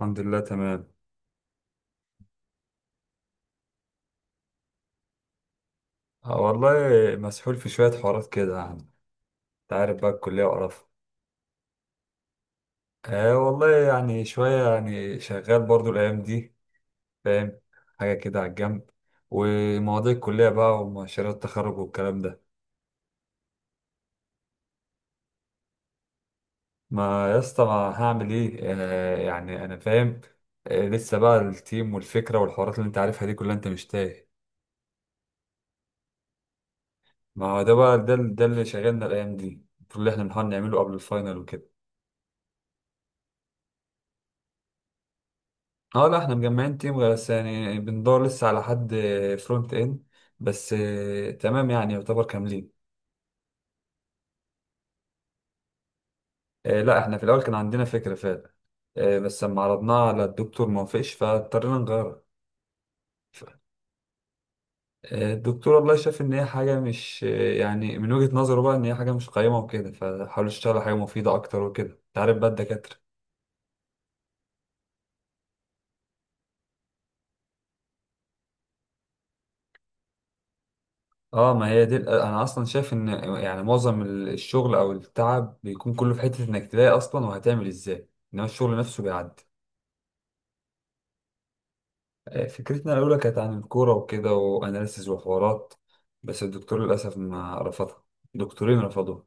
الحمد لله تمام. آه والله. مسحول في شوية حوارات كده يعني. انت عارف بقى الكلية وقرفها. آه والله، يعني شوية يعني شغال برضو الأيام دي. فاهم. حاجة كده على الجنب. ومواضيع الكلية بقى ومشاريع التخرج والكلام ده. ما يا اسطى ما هعمل ايه آه يعني أنا فاهم. آه لسه بقى التيم والفكرة والحوارات اللي انت عارفها دي كلها، انت مش تايه. ما هو ده بقى ده اللي شغلنا الأيام دي المفروض اللي احنا بنحاول نعمله قبل الفاينل وكده. اه لا احنا مجمعين تيم بس يعني بندور لسه على حد فرونت اند. بس آه، تمام يعني يعتبر كاملين. آه، لا احنا في الاول كان عندنا فكرة فعلا. آه، بس لما عرضناها على الدكتور ما وافقش فاضطرينا نغيرها. ف- آه، الدكتور والله شاف ان هي حاجة مش آه، يعني من وجهة نظره بقى ان هي حاجة مش قيمة وكده، فحاول يشتغل على حاجة مفيدة اكتر وكده انت عارف بقى الدكاترة. اه ما هي دي انا اصلا شايف ان يعني معظم الشغل او التعب بيكون كله في حتة انك تلاقي اصلا وهتعمل ازاي، انما الشغل نفسه بيعدي. آه، فكرتنا الأولى كانت عن الكورة وكده وأناليسز وحوارات. بس الدكتور للأسف ما رفضها، دكتورين رفضوها.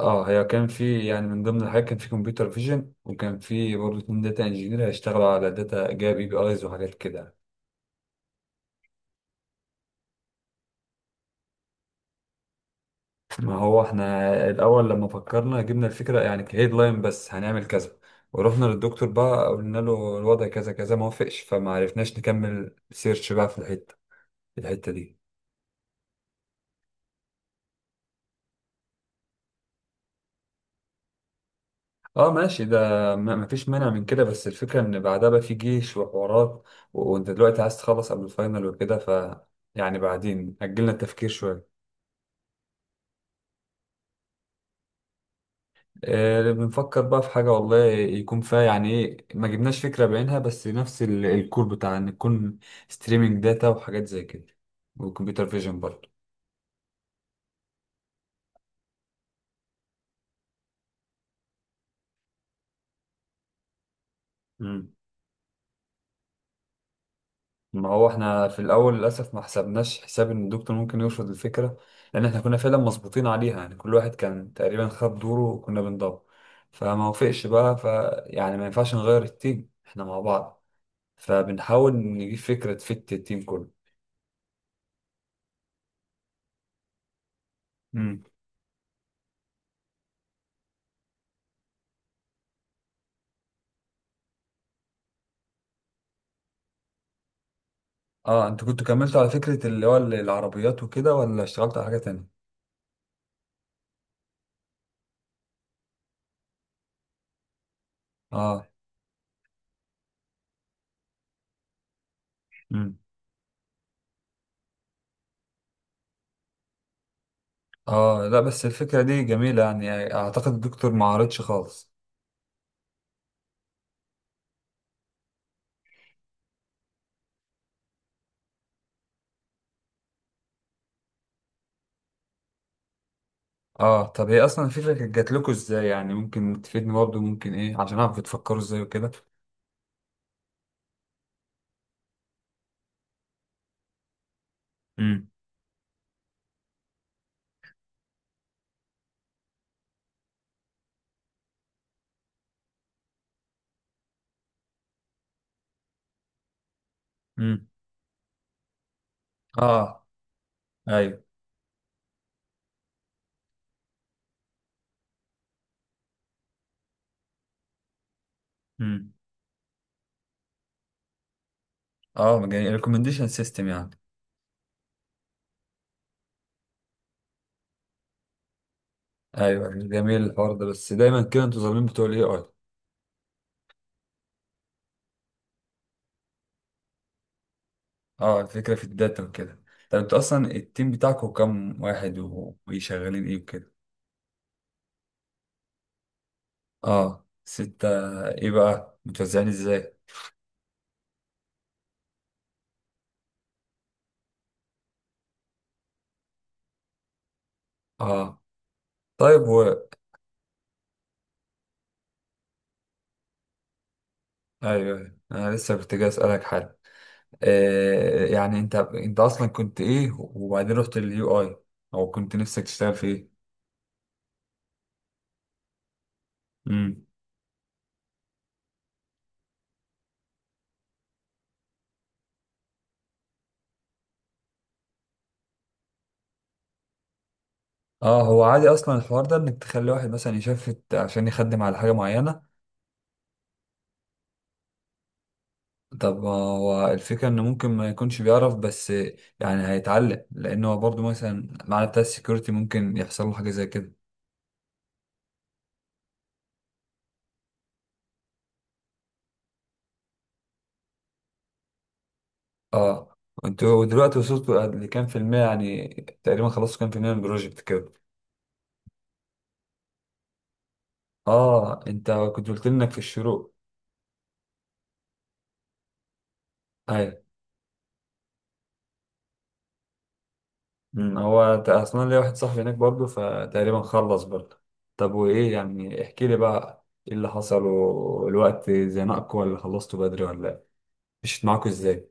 اه هي كان في يعني من ضمن الحاجات كان في كمبيوتر فيجن، وكان في برضه اتنين داتا انجينير هيشتغلوا على داتا جاب اي بي ايز وحاجات كده. ما هو احنا الأول لما فكرنا جبنا الفكرة يعني كهيد لاين، بس هنعمل كذا ورحنا للدكتور بقى قلنا له الوضع كذا كذا، ما وافقش فما عرفناش نكمل سيرش بقى في الحتة، الحتة دي. اه ماشي ده. ما فيش مانع من كده، بس الفكرة ان بعدها بقى في جيش وحوارات. وانت دلوقتي عايز تخلص قبل الفاينل وكده، ف يعني بعدين اجلنا التفكير شوية. آه بنفكر بقى في حاجة والله يكون فيها يعني ايه، ما جبناش فكرة بعينها بس نفس الكور بتاع ان يكون ستريمينج داتا وحاجات زي كده، وكمبيوتر فيجن برضه. ما هو احنا في الاول للاسف ما حسبناش حساب ان الدكتور ممكن يرفض الفكره، لان احنا كنا فعلا مظبوطين عليها يعني، كل واحد كان تقريبا خد دوره وكنا بندور. فما وافقش بقى ف يعني ما ينفعش نغير التيم احنا مع بعض، فبنحاول نجيب فكره تفت التيم كله. امم. اه انتوا كنتوا كملتوا على فكره اللي هو العربيات وكده، ولا اشتغلتوا على حاجه تانية؟ اه. امم. اه لا بس الفكره دي جميله، يعني اعتقد الدكتور ما عارضش خالص. اه، طب هي اصلا الفكره كانت جات لكم ازاي؟ يعني ممكن تفيدني برضه، ممكن ايه عشان اعرف بتفكروا ازاي وكده. امم. امم. اه. ايوه. امم. اه جميل، ريكومنديشن سيستم يعني. ايوه جميل الحوار ده، بس دايما كده انتوا ظالمين بتوع الاي اي. اه الفكره في الداتا وكده. طب انتوا اصلا التيم بتاعكم كام واحد وشغالين ايه وكده؟ اه ستة. ايه بقى متوزعين ازاي؟ اه طيب و ايوه انا لسه كنت جاي اسالك حاجه. آه يعني انت انت اصلا كنت ايه، وبعدين رحت لليو اي، او كنت نفسك تشتغل في ايه؟ امم. اه هو عادي اصلا الحوار ده انك تخلي واحد مثلا يشفت عشان يخدم على حاجه معينه. طب هو الفكره انه ممكن ما يكونش بيعرف، بس يعني هيتعلم، لانه هو برضه مثلا معنى بتاع السكيورتي ممكن يحصل له حاجه زي كده. اه انتوا دلوقتي وصلتوا لكام في المية يعني، تقريبا خلصتوا كام في المية من البروجكت كده؟ اه انت كنت قلت لي انك في الشروق. ايوه. هو اصلا ليا واحد صاحبي هناك برضه، فتقريبا خلص برضه. طب وايه يعني، احكي لي بقى ايه اللي حصل، والوقت زنقكم ولا خلصتوا بدري ولا ايه؟ مشيت معاكم ازاي؟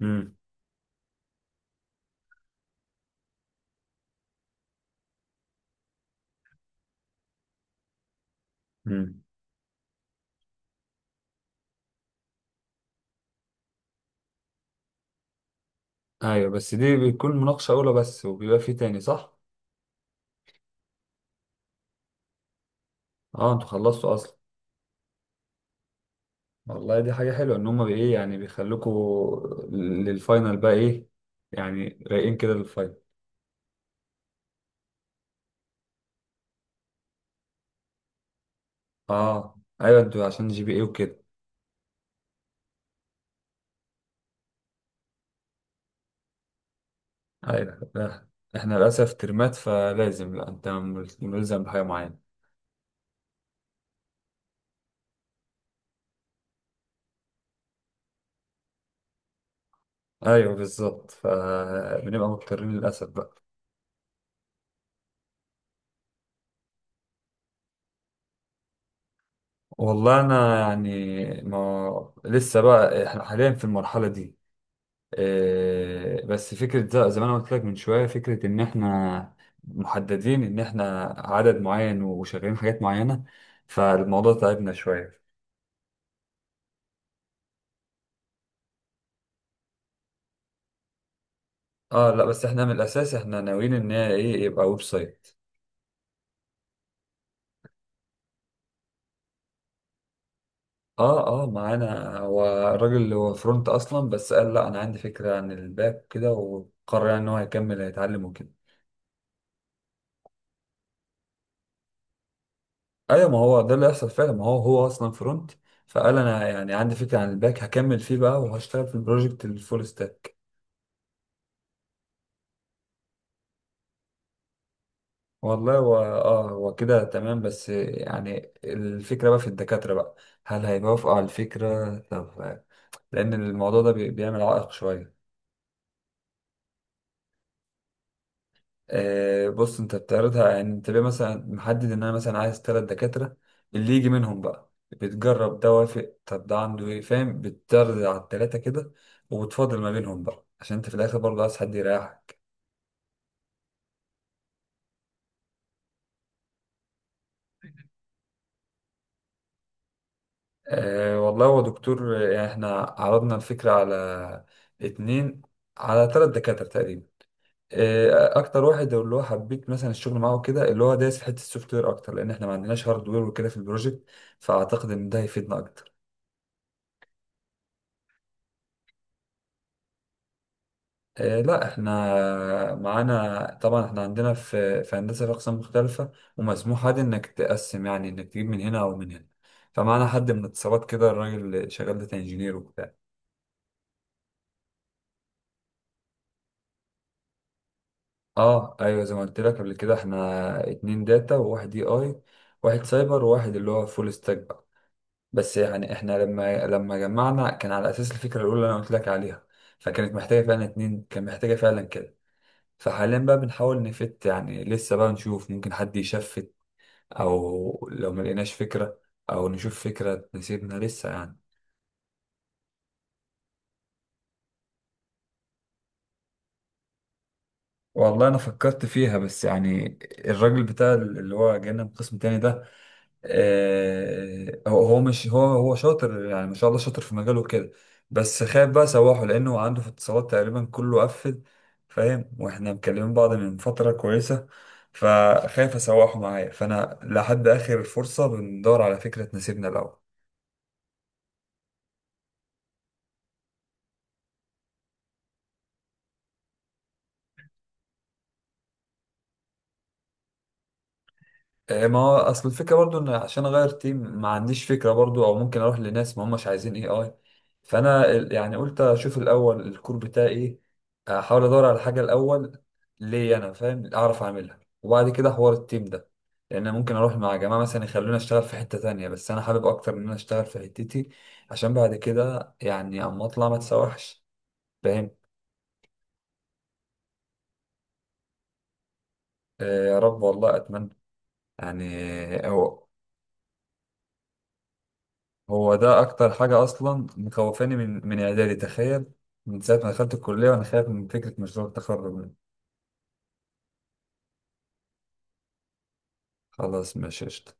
امم. امم. ايوه بس دي بتكون مناقشة اولى بس، وبيبقى في تاني صح؟ اه انتوا خلصتوا اصلا. والله دي حاجة حلوة، ان هما بايه يعني بيخلوكوا للفاينل بقى، ايه يعني رايقين كده للفاينل. اه ايوه، انتوا عشان جي بي ايه وكده. ايوه لا، احنا للاسف ترمات فلازم، لا انت ملزم بحاجه معينه. ايوه بالظبط، فبنبقى مضطرين للاسف بقى. والله انا يعني ما لسه بقى احنا حاليا في المرحله دي. إيه، بس فكره زي ما انا قلت لك من شويه، فكره ان احنا محددين ان احنا عدد معين وشغالين حاجات معينه، فالموضوع تعبنا شويه. اه لا بس احنا من الاساس احنا ناويين ان هي ايه، يبقى ويب سايت. اه اه معانا، هو الراجل اللي هو فرونت اصلا، بس قال لا انا عندي فكره عن الباك كده، وقرر يعني ان هو هيكمل هيتعلم وكده. ايوه ما هو ده اللي هيحصل فعلا، ما هو هو اصلا فرونت، فقال انا يعني عندي فكره عن الباك هكمل فيه بقى، وهشتغل في البروجكت الفول ستاك. والله هو اه هو كده تمام، بس يعني الفكره بقى في الدكاتره بقى، هل هيوافقوا على الفكره طب؟ لان الموضوع ده بيعمل عائق شويه. آه، بص انت بتعرضها، يعني انت ليه مثلا محدد ان انا مثلا عايز ثلاث دكاترة، اللي يجي منهم بقى، بتجرب ده وافق، طب ده عنده ايه فاهم، بتعرض على التلاتة كده وبتفاضل ما بينهم بقى، عشان انت في الاخر برضه عايز حد يريحك. أه والله هو دكتور آه، يعني احنا عرضنا الفكرة على اتنين، على تلات دكاترة تقريبا. آه، اكتر واحد اللي هو حبيت مثلا الشغل معاه كده، اللي هو دايس في حته السوفت وير اكتر، لان احنا ما عندناش هارد وير وكده في البروجكت، فاعتقد ان ده هيفيدنا اكتر. آه، لا احنا معانا طبعا، احنا عندنا في هندسه في اقسام مختلفه، ومسموح عادي انك تقسم يعني انك تجيب من هنا او من هنا، فمعانا حد من اتصالات كده، الراجل شغال داتا انجينير وبتاع. اه ايوه زي ما قلت لك قبل كده، احنا اتنين داتا وواحد اي اي، واحد سايبر وواحد اللي هو فول ستاك بقى. بس يعني احنا لما جمعنا كان على اساس الفكره الاولى اللي انا قلت لك عليها، فكانت محتاجه فعلا اتنين، كان محتاجه فعلا كده. فحاليا بقى بنحاول نفت يعني، لسه بقى نشوف ممكن حد يشفت، او لو ما لقيناش فكرة، او نشوف فكرة تناسبنا لسه يعني. والله انا فكرت فيها، بس يعني الراجل بتاع اللي هو جانا من قسم تاني ده، آه هو هو مش هو هو شاطر يعني، ما شاء الله شاطر في مجاله كده، بس خايف بقى سواحه، لانه عنده في اتصالات تقريبا كله قفل فاهم، واحنا مكلمين بعض من فترة كويسة، فخايف اسوحه معايا، فانا لحد اخر فرصة بندور على فكرة تناسبنا الاول. آه، ما هو اصل الفكره برضو، ان عشان اغير تيم ما عنديش فكره برضو، او ممكن اروح لناس ما هماش عايزين اي اي. فانا يعني قلت اشوف الاول الكور بتاعي ايه، احاول ادور على حاجه الاول ليه انا فاهم اعرف اعملها، وبعد كده حوار التيم ده. لان أنا ممكن اروح مع جماعه مثلا يخلوني اشتغل في حته تانية، بس انا حابب اكتر ان انا اشتغل في حتتي، عشان بعد كده يعني اما اطلع ما تسوحش فاهم. آه، يا رب والله اتمنى يعني. هو ده اكتر حاجه اصلا مخوفاني من اعدادي تخيل، من ساعه ما دخلت الكليه وانا خايف من فكره مشروع التخرج. خلاص ماشي قشطة.